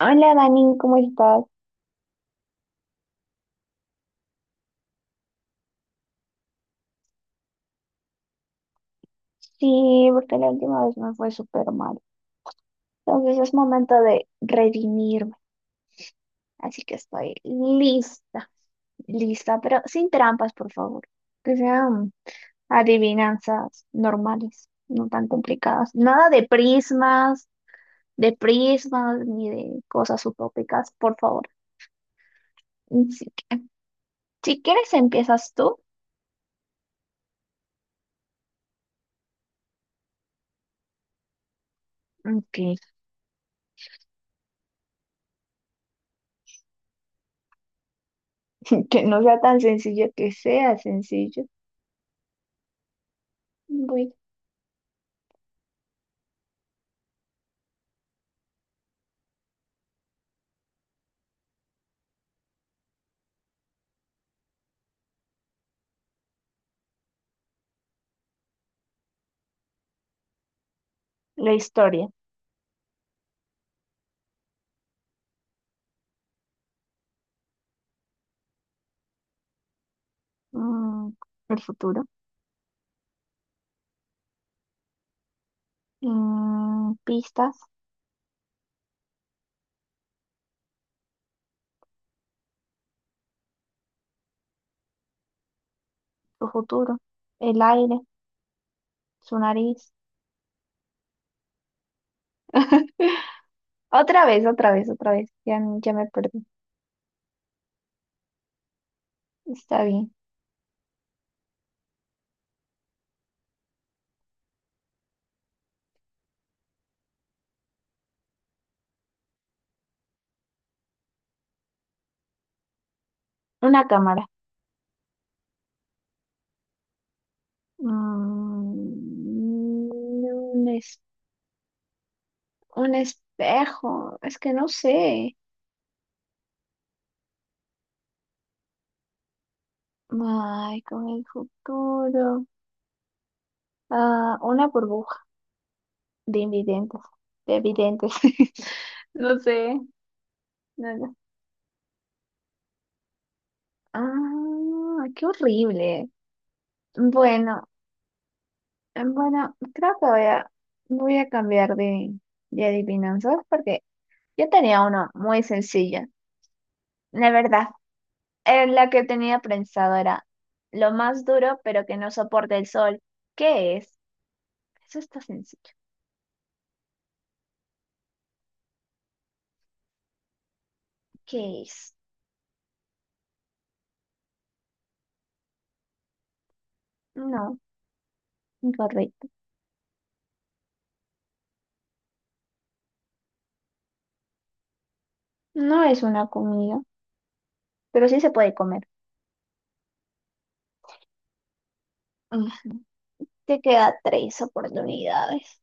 Hola Dani, ¿cómo estás? Sí, porque la última vez me fue súper mal. Entonces es momento de redimirme. Así que estoy lista, lista, pero sin trampas, por favor. Que sean adivinanzas normales, no tan complicadas. Nada de prismas, ni de cosas utópicas, por favor. Así que, si quieres, empiezas tú. Ok. Que no sea tan sencillo, que sea sencillo. Voy. La historia. mm, el futuro. Pistas, su futuro, el aire, su nariz. Otra vez, otra vez, otra vez. Ya, ya me perdí. Está bien. Una cámara. Mm, un, es- un espejo. Es que no sé. Ay, con el futuro. Ah, una burbuja de invidentes. De videntes. No sé. No, no. Ah, qué horrible. Bueno. Bueno, creo que voy a cambiar de adivinanzas porque yo tenía una muy sencilla. La verdad, la que tenía pensado era lo más duro pero que no soporta el sol. ¿Qué es? Eso está sencillo. ¿Qué es? No, incorrecto. No es una comida, pero sí se puede comer. Mm. Te queda tres oportunidades.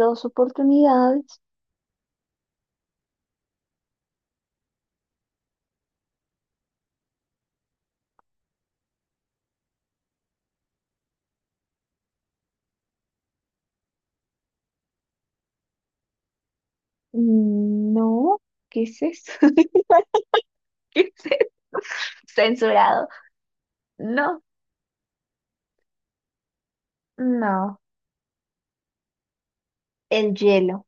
Dos oportunidades. Mm, no, ¿qué es eso? ¿Qué es eso? Censurado. No, no. El hielo.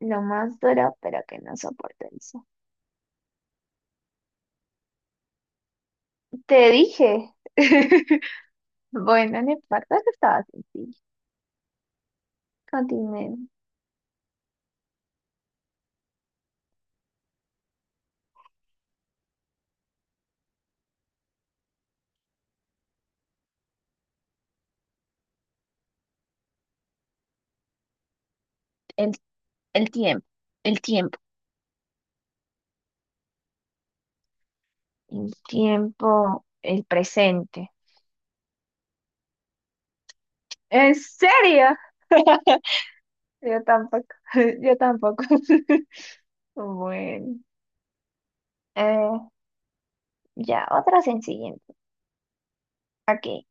Lo más duro, pero que no soporta el sol. Te dije. Bueno, en importa, eso estaba sencillo. Continúe. El, el tiempo. El tiempo. El tiempo. El presente. ¿En serio? Yo tampoco. Yo tampoco. Bueno. eh, ya, otra sencilla. Ok.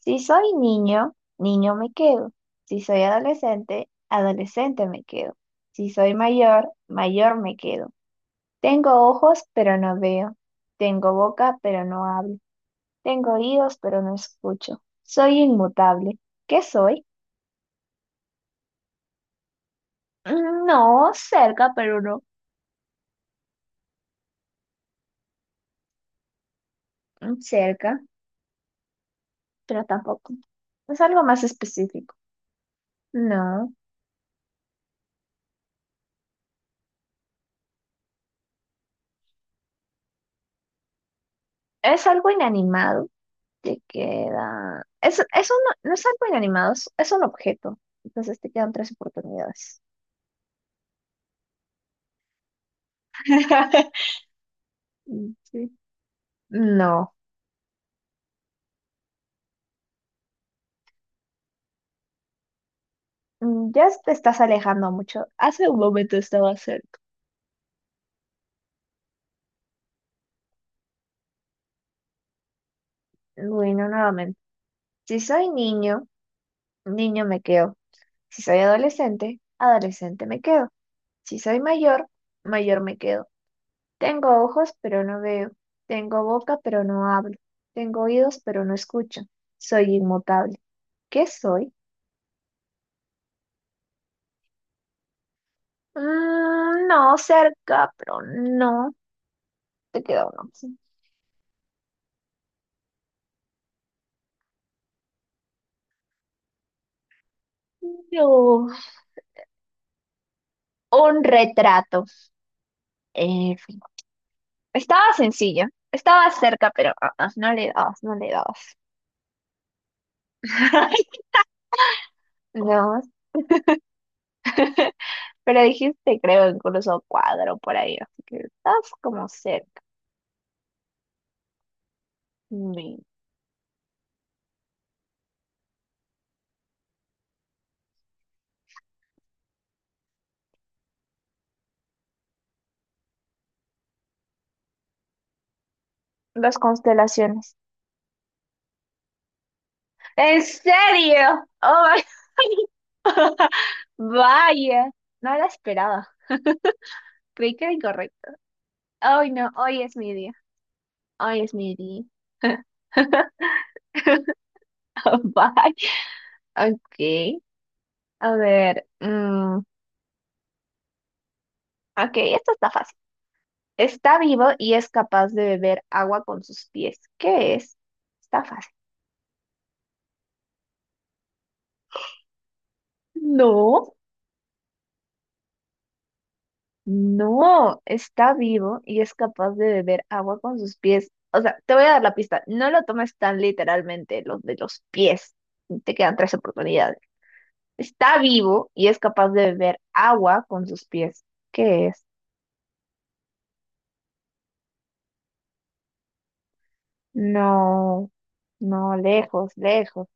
Si soy niño, niño me quedo. Si soy adolescente, adolescente me quedo. Si soy mayor, mayor me quedo. Tengo ojos, pero no veo. Tengo boca, pero no hablo. Tengo oídos, pero no escucho. Soy inmutable. ¿Qué soy? Mm, no, cerca, pero no. Mm, cerca, pero tampoco. Es algo más específico. No, es algo inanimado. Te queda. Es eso no, no es algo inanimado, es un objeto. Entonces te quedan tres oportunidades. Mm, sí. No. Mm, ya te estás alejando mucho. Hace un momento estaba cerca. Bueno, nuevamente. Si soy niño, niño me quedo. Si soy adolescente, adolescente me quedo. Si soy mayor, mayor me quedo. Tengo ojos, pero no veo. Tengo boca, pero no hablo. Tengo oídos, pero no escucho. Soy inmutable. ¿Qué soy? Mm, no, cerca, pero no. Te queda una opción. No. Un retrato. En fin. Estaba sencilla. Estaba cerca, pero no le dabas, no le dabas. No. Pero dijiste, creo, incluso cuadro por ahí. Así que estás como cerca. Mi- Las constelaciones. ¿En serio? Oh my. Vaya, no la esperaba. Creí que era incorrecto. Ay, no, hoy es mi día. Ay, Smitty. Bye. Ok. A ver. Ok, esto está fácil. Está vivo y es capaz de beber agua con sus pies. ¿Qué es? Está fácil. No, no. Está vivo y es capaz de beber agua con sus pies. O sea, te voy a dar la pista. No lo tomes tan literalmente, los de los pies. Te quedan tres oportunidades. Está vivo y es capaz de beber agua con sus pies. ¿Qué es? No, no, lejos, lejos.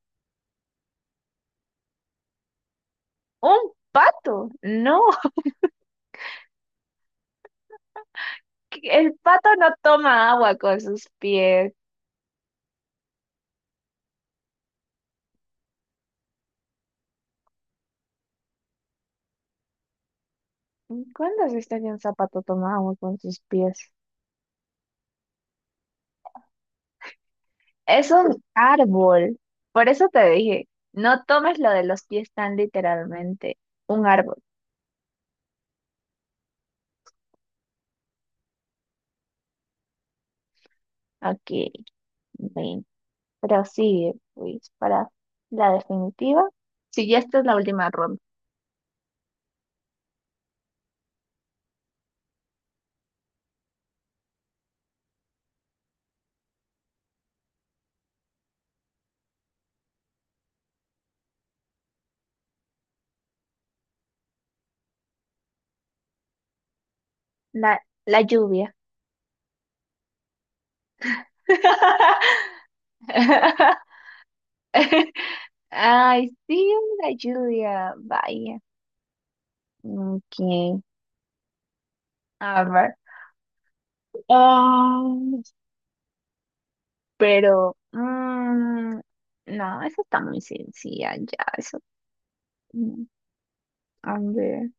¡Un pato! No, el pato no toma agua con sus pies. ¿Cuándo has visto que un zapato toma agua con sus pies? Es un árbol. Por eso te dije, no tomes lo de los pies tan literalmente. Un árbol. Ok, bien. Prosigue, Luis, para la definitiva. Si ya esta es la última ronda. La, la lluvia. Ay, sí, la Julia, vaya. Ok, a ver. Ah, pero, no, eso está muy sencilla, ya, eso. mm, A ver.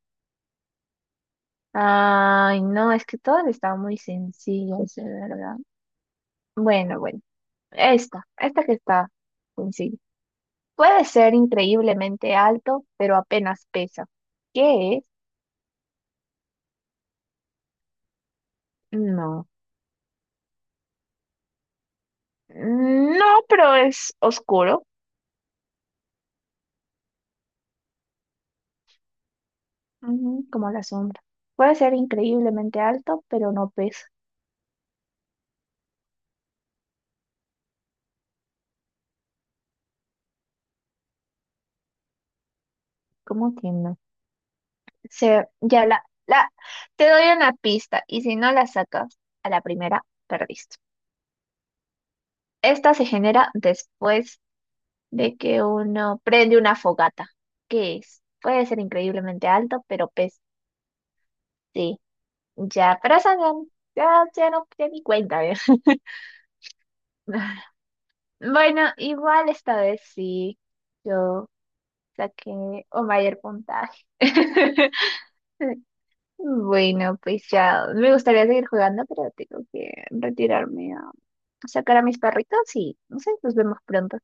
Ay, no, es que todas están muy sencillas, de verdad. Bueno, bueno, esta que está sencilla. Puede ser increíblemente alto, pero apenas pesa. ¿Qué es? No. No, pero es oscuro. Ujú, como la sombra. Puede ser increíblemente alto, pero no pesa. ¿Cómo que no? Se, ya la, Te doy una pista y si no la sacas a la primera, perdiste. Esta se genera después de que uno prende una fogata. ¿Qué es? Puede ser increíblemente alto, pero pesa. Sí, ya, pero esa no- ya, ya no, ya ni cuenta, ¿eh? Bueno, igual esta vez sí, yo saqué un mayor puntaje. Bueno, pues ya me gustaría seguir jugando, pero tengo que retirarme a sacar a mis perritos y no sé, nos vemos pronto.